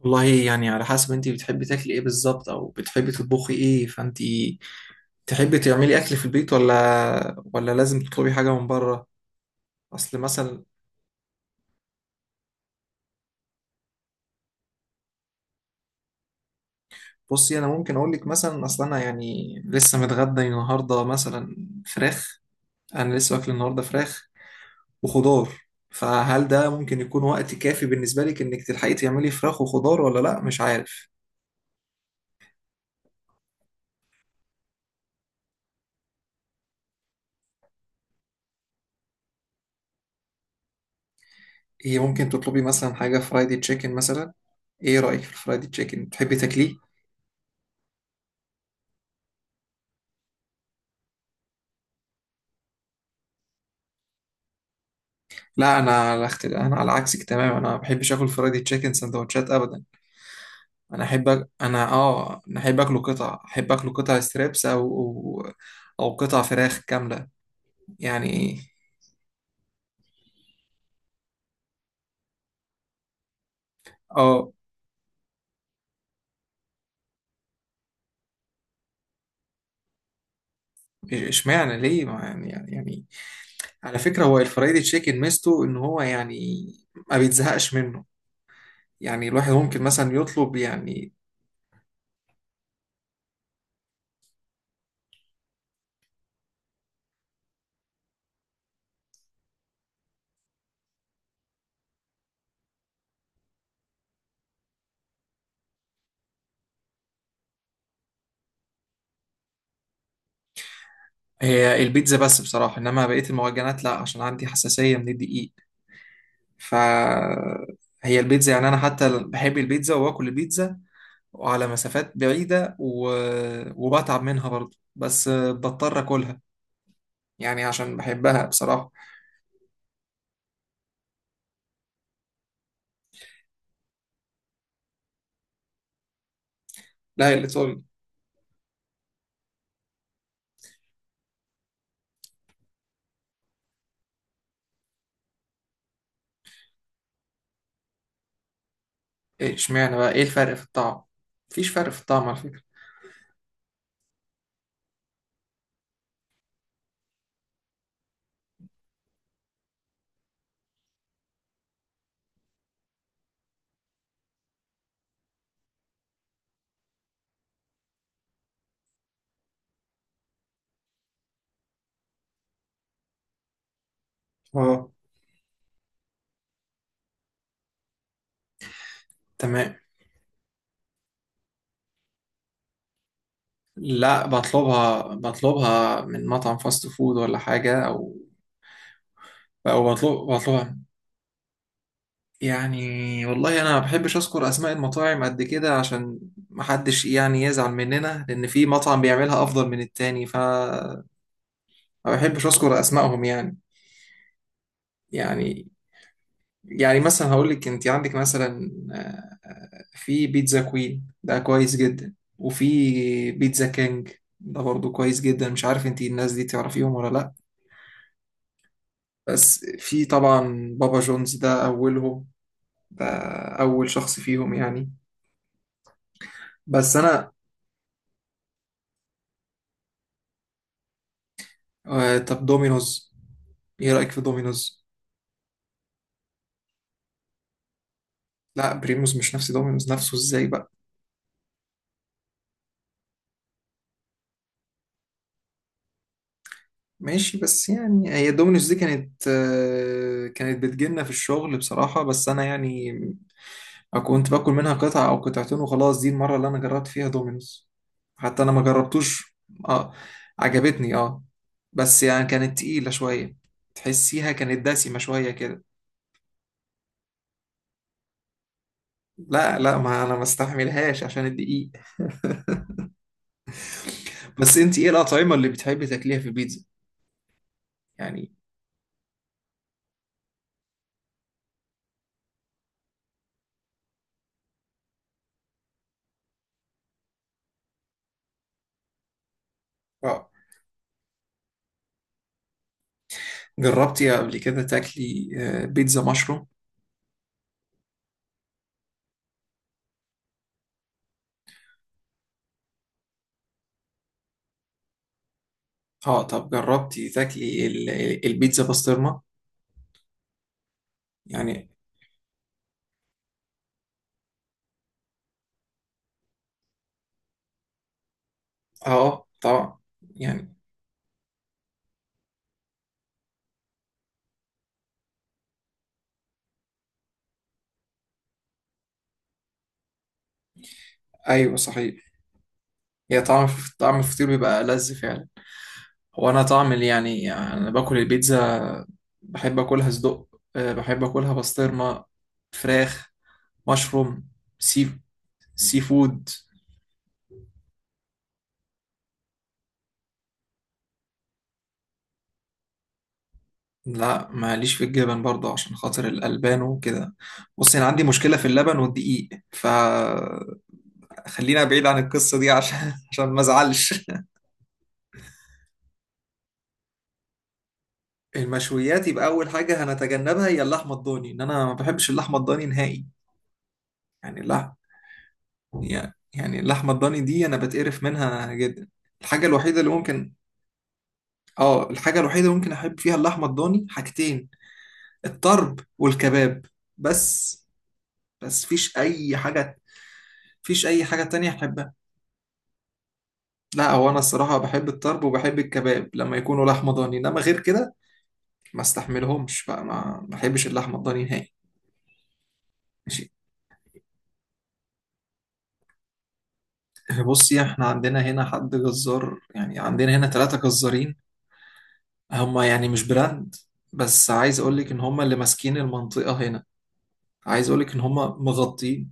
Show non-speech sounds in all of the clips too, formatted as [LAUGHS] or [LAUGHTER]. والله يعني، على حسب انت بتحبي تاكلي ايه بالظبط، او بتحبي تطبخي ايه. فانت تحبي تعملي اكل في البيت ولا لازم تطلبي حاجه من بره؟ اصل مثلا. بصي، انا ممكن اقول لك مثلا. اصل انا يعني لسه متغدى النهارده، مثلا فراخ. انا لسه واكل النهارده فراخ وخضار. فهل ده ممكن يكون وقت كافي بالنسبه لك انك تلحقي تعملي فراخ وخضار ولا لا؟ مش عارف. هي ممكن تطلبي مثلا حاجه، فرايدي تشيكن مثلا. ايه رايك في الفرايدي تشيكن، تحبي تاكليه؟ لا، انا على عكسك تماما. انا ما بحبش اكل فرايدي تشيكن سندوتشات ابدا. انا احب أك... انا اه انا احب اكله قطع ستريبس أو قطع فراخ كامله يعني. اه اشمعنى ليه؟ ما يعني. على فكره، هو الفرايدي تشيكن ميزته ان هو يعني ما بيتزهقش منه. يعني الواحد ممكن مثلا يطلب يعني. هي البيتزا بس بصراحه، انما بقيه المعجنات لا، عشان عندي حساسيه من الدقيق. فهي البيتزا، يعني انا حتى بحب البيتزا واكل البيتزا وعلى مسافات بعيدة و... وبتعب منها برضه، بس بضطر اكلها يعني عشان بحبها بصراحة. لا، اللي تقول ايه. اشمعنى بقى؟ ايه الفرق في الطعم؟ مفيش فرق في الطعم على فكرة. اه، تمام. لا، بطلبها من مطعم فاست فود ولا حاجة، او. او بطلبها يعني. والله، انا ما بحبش اذكر اسماء المطاعم قد كده، عشان ما حدش يعني يزعل مننا لان في مطعم بيعملها افضل من التاني. فما بحبش اذكر اسمائهم يعني. يعني مثلا هقول لك، انت عندك مثلا في بيتزا كوين ده كويس جدا، وفي بيتزا كينج ده برضو كويس جدا. مش عارف انت الناس دي تعرفيهم ولا لا. بس في طبعا بابا جونز، ده اولهم، ده اول شخص فيهم يعني. بس انا. طب دومينوز، ايه رأيك في دومينوز؟ لا، بريموس مش نفس دومينوز، نفسه ازاي بقى؟ ماشي، بس يعني هي دومينوز دي كانت بتجيلنا في الشغل بصراحة، بس انا يعني كنت باكل منها قطعة او قطعتين وخلاص. دي المرة اللي انا جربت فيها دومينوز، حتى انا ما جربتوش. اه، عجبتني اه. بس يعني كانت تقيلة شوية، تحسيها كانت دسمة شوية كده. لا لا، ما انا ما استحملهاش عشان الدقيق. بس انت ايه الأطعمة اللي بتحبي تاكليها في البيتزا يعني؟ اه، جربتي قبل كده تاكلي بيتزا مشروم؟ اه، طب جربتي تاكلي البيتزا بسطرمة يعني؟ اه طبعا يعني، ايوه صحيح. هي طعم الفطير بيبقى لذ فعلا. هو انا طعم اللي يعني انا باكل البيتزا، بحب اكلها صدق. بحب اكلها بسطرمة، فراخ، مشروم، سي سي فود. لا ماليش في الجبن برضه عشان خاطر الألبان وكده. بص انا عندي مشكلة في اللبن والدقيق، خلينا بعيد عن القصة دي عشان [LAUGHS] عشان ما ازعلش. المشويات يبقى أول حاجة هنتجنبها هي اللحمة الضاني، إن أنا ما بحبش اللحمة الضاني نهائي يعني، لا. يعني اللحمة الضاني دي أنا بتقرف منها جدا. الحاجة الوحيدة اللي ممكن الحاجة الوحيدة اللي ممكن أحب فيها اللحمة الضاني حاجتين، الطرب والكباب. بس بس فيش أي حاجة تانية أحبها. لا، هو أنا الصراحة بحب الطرب وبحب الكباب لما يكونوا لحمة ضاني، إنما غير كده ما استحملهمش بقى. ما بحبش اللحمة الضاني نهائي. ماشي. بصي، احنا عندنا هنا حد جزار، يعني عندنا هنا ثلاثة جزارين، هما يعني مش براند، بس عايز اقول لك ان هما اللي ماسكين المنطقة هنا. عايز اقول لك ان هما مغطين.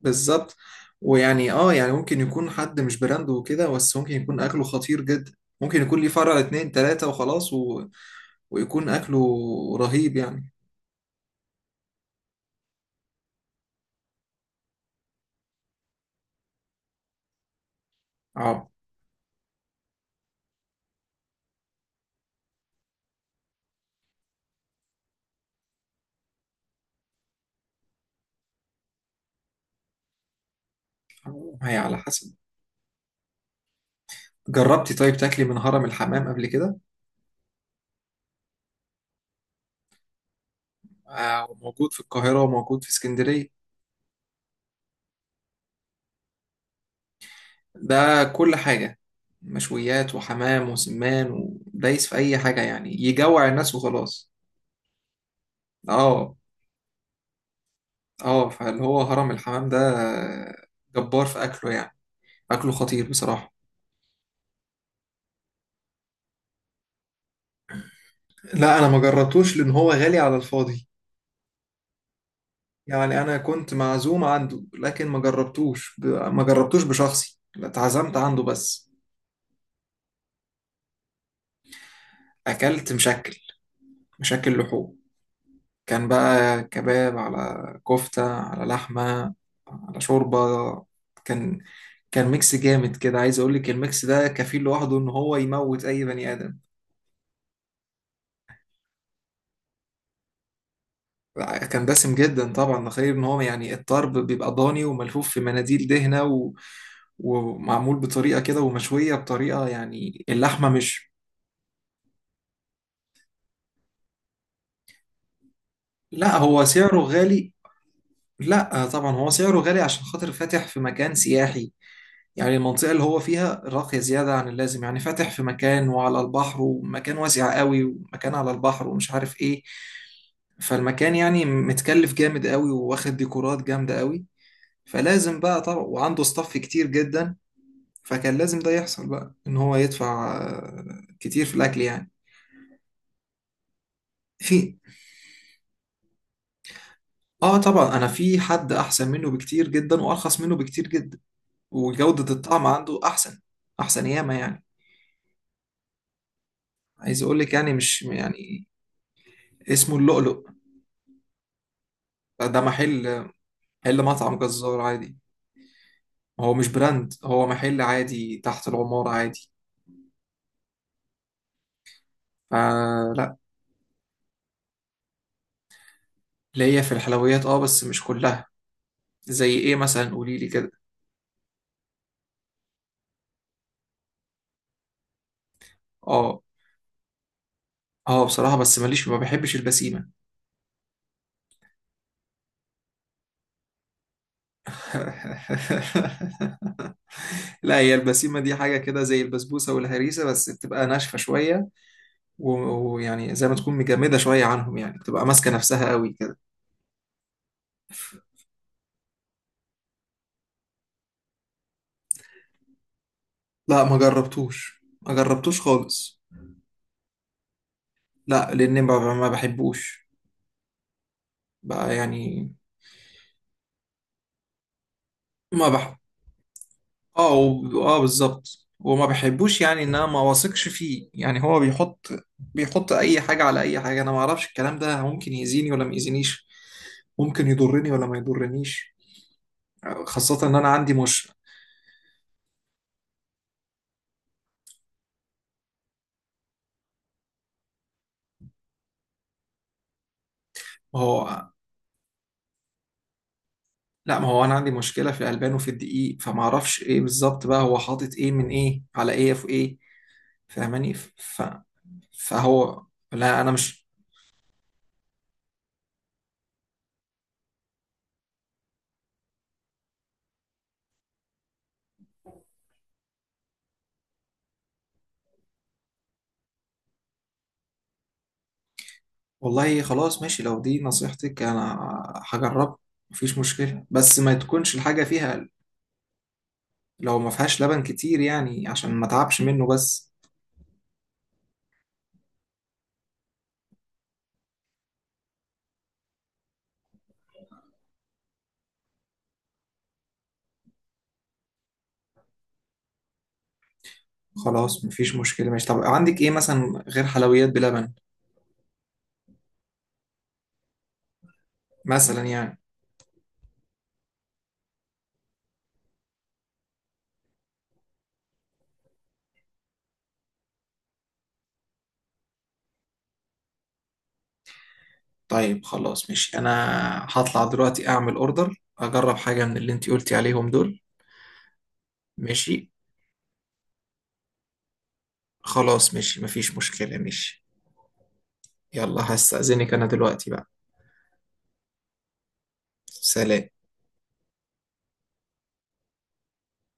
بالظبط. ويعني ممكن يكون حد مش براند وكده، بس ممكن يكون اكله خطير جدا. ممكن يكون ليه فرع اتنين تلاتة وخلاص، و... ويكون اكله رهيب يعني. اه، هي على حسب. جربتي طيب تاكلي من هرم الحمام قبل كده؟ وموجود في القاهرة وموجود في اسكندرية. ده كل حاجة، مشويات وحمام وسمان ودايس في أي حاجة، يعني يجوع الناس وخلاص. اه اه، فاللي هو هرم الحمام ده جبار في أكله يعني، أكله خطير بصراحة. لا، أنا ما جربتوش لأن هو غالي على الفاضي. يعني أنا كنت معزوم عنده، لكن ما جربتوش بشخصي، لا، اتعزمت عنده بس. أكلت مشكل لحوم. كان بقى كباب على كفتة على لحمة على شوربة، كان كان ميكس جامد كده. عايز اقول لك الميكس ده كفيل لوحده ان هو يموت اي بني ادم. كان دسم جدا طبعا، غير ان هو يعني الطرب بيبقى ضاني وملفوف في مناديل دهنة و... ومعمول بطريقة كده ومشوية بطريقة يعني. اللحمة مش. لا، هو سعره غالي. لا طبعا، هو سعره غالي عشان خاطر فاتح في مكان سياحي. يعني المنطقة اللي هو فيها راقية زيادة عن اللازم، يعني فاتح في مكان وعلى البحر، ومكان واسع قوي، ومكان على البحر، ومش عارف ايه. فالمكان يعني متكلف جامد قوي، واخد ديكورات جامدة قوي. فلازم بقى طبعا، وعنده ستاف كتير جدا، فكان لازم ده يحصل بقى ان هو يدفع كتير في الاكل يعني. في اه طبعا، انا في حد احسن منه بكتير جدا وارخص منه بكتير جدا، وجودة الطعم عنده احسن، احسن ياما يعني. عايز اقول لك يعني، مش يعني. اسمه اللؤلؤ. ده محل مطعم جزار عادي. هو مش براند، هو محل عادي تحت العمارة عادي. فلا. ليا في الحلويات اه، بس مش كلها. زي ايه مثلا؟ قولي لي كده. اه اه بصراحة، بس ماليش، ما بحبش البسيمة. [LAUGHS] لا، هي البسيمة دي حاجة كده زي البسبوسة والهريسة، بس بتبقى ناشفة شوية، و- ويعني زي ما تكون مجمدة شوية عنهم، يعني بتبقى ماسكة نفسها قوي كده. لا، ما جربتوش خالص. لا لأن ما بحبوش بقى يعني. ما بح اه و... اه بالظبط، وما بحبوش يعني، ان انا ما واثقش فيه. يعني هو بيحط اي حاجه على اي حاجه. انا ما اعرفش الكلام ده ممكن يأذيني ولا ما يأذينيش، ممكن يضرني ولا ما يضرنيش. خاصه ان انا عندي مش. ما هو لا، ما هو انا عندي مشكله في الالبان وفي الدقيق. فما اعرفش ايه بالظبط بقى، هو حاطط ايه من ايه على ايه في ايه، فاهماني فهو. لا انا مش. والله خلاص ماشي، لو دي نصيحتك انا هجرب. مفيش مشكلة، بس ما تكونش الحاجة فيها، لو ما فيهاش لبن كتير يعني عشان ما تعبش منه بس. خلاص مفيش مشكلة ماشي. طب عندك ايه مثلا غير حلويات بلبن؟ مثلا يعني. طيب خلاص ماشي، انا هطلع دلوقتي اعمل اوردر، اجرب حاجة من اللي انتي قلتي عليهم دول. ماشي، خلاص ماشي، مفيش مشكلة ماشي. يلا، هستأذنك انا دلوقتي بقى. سلام.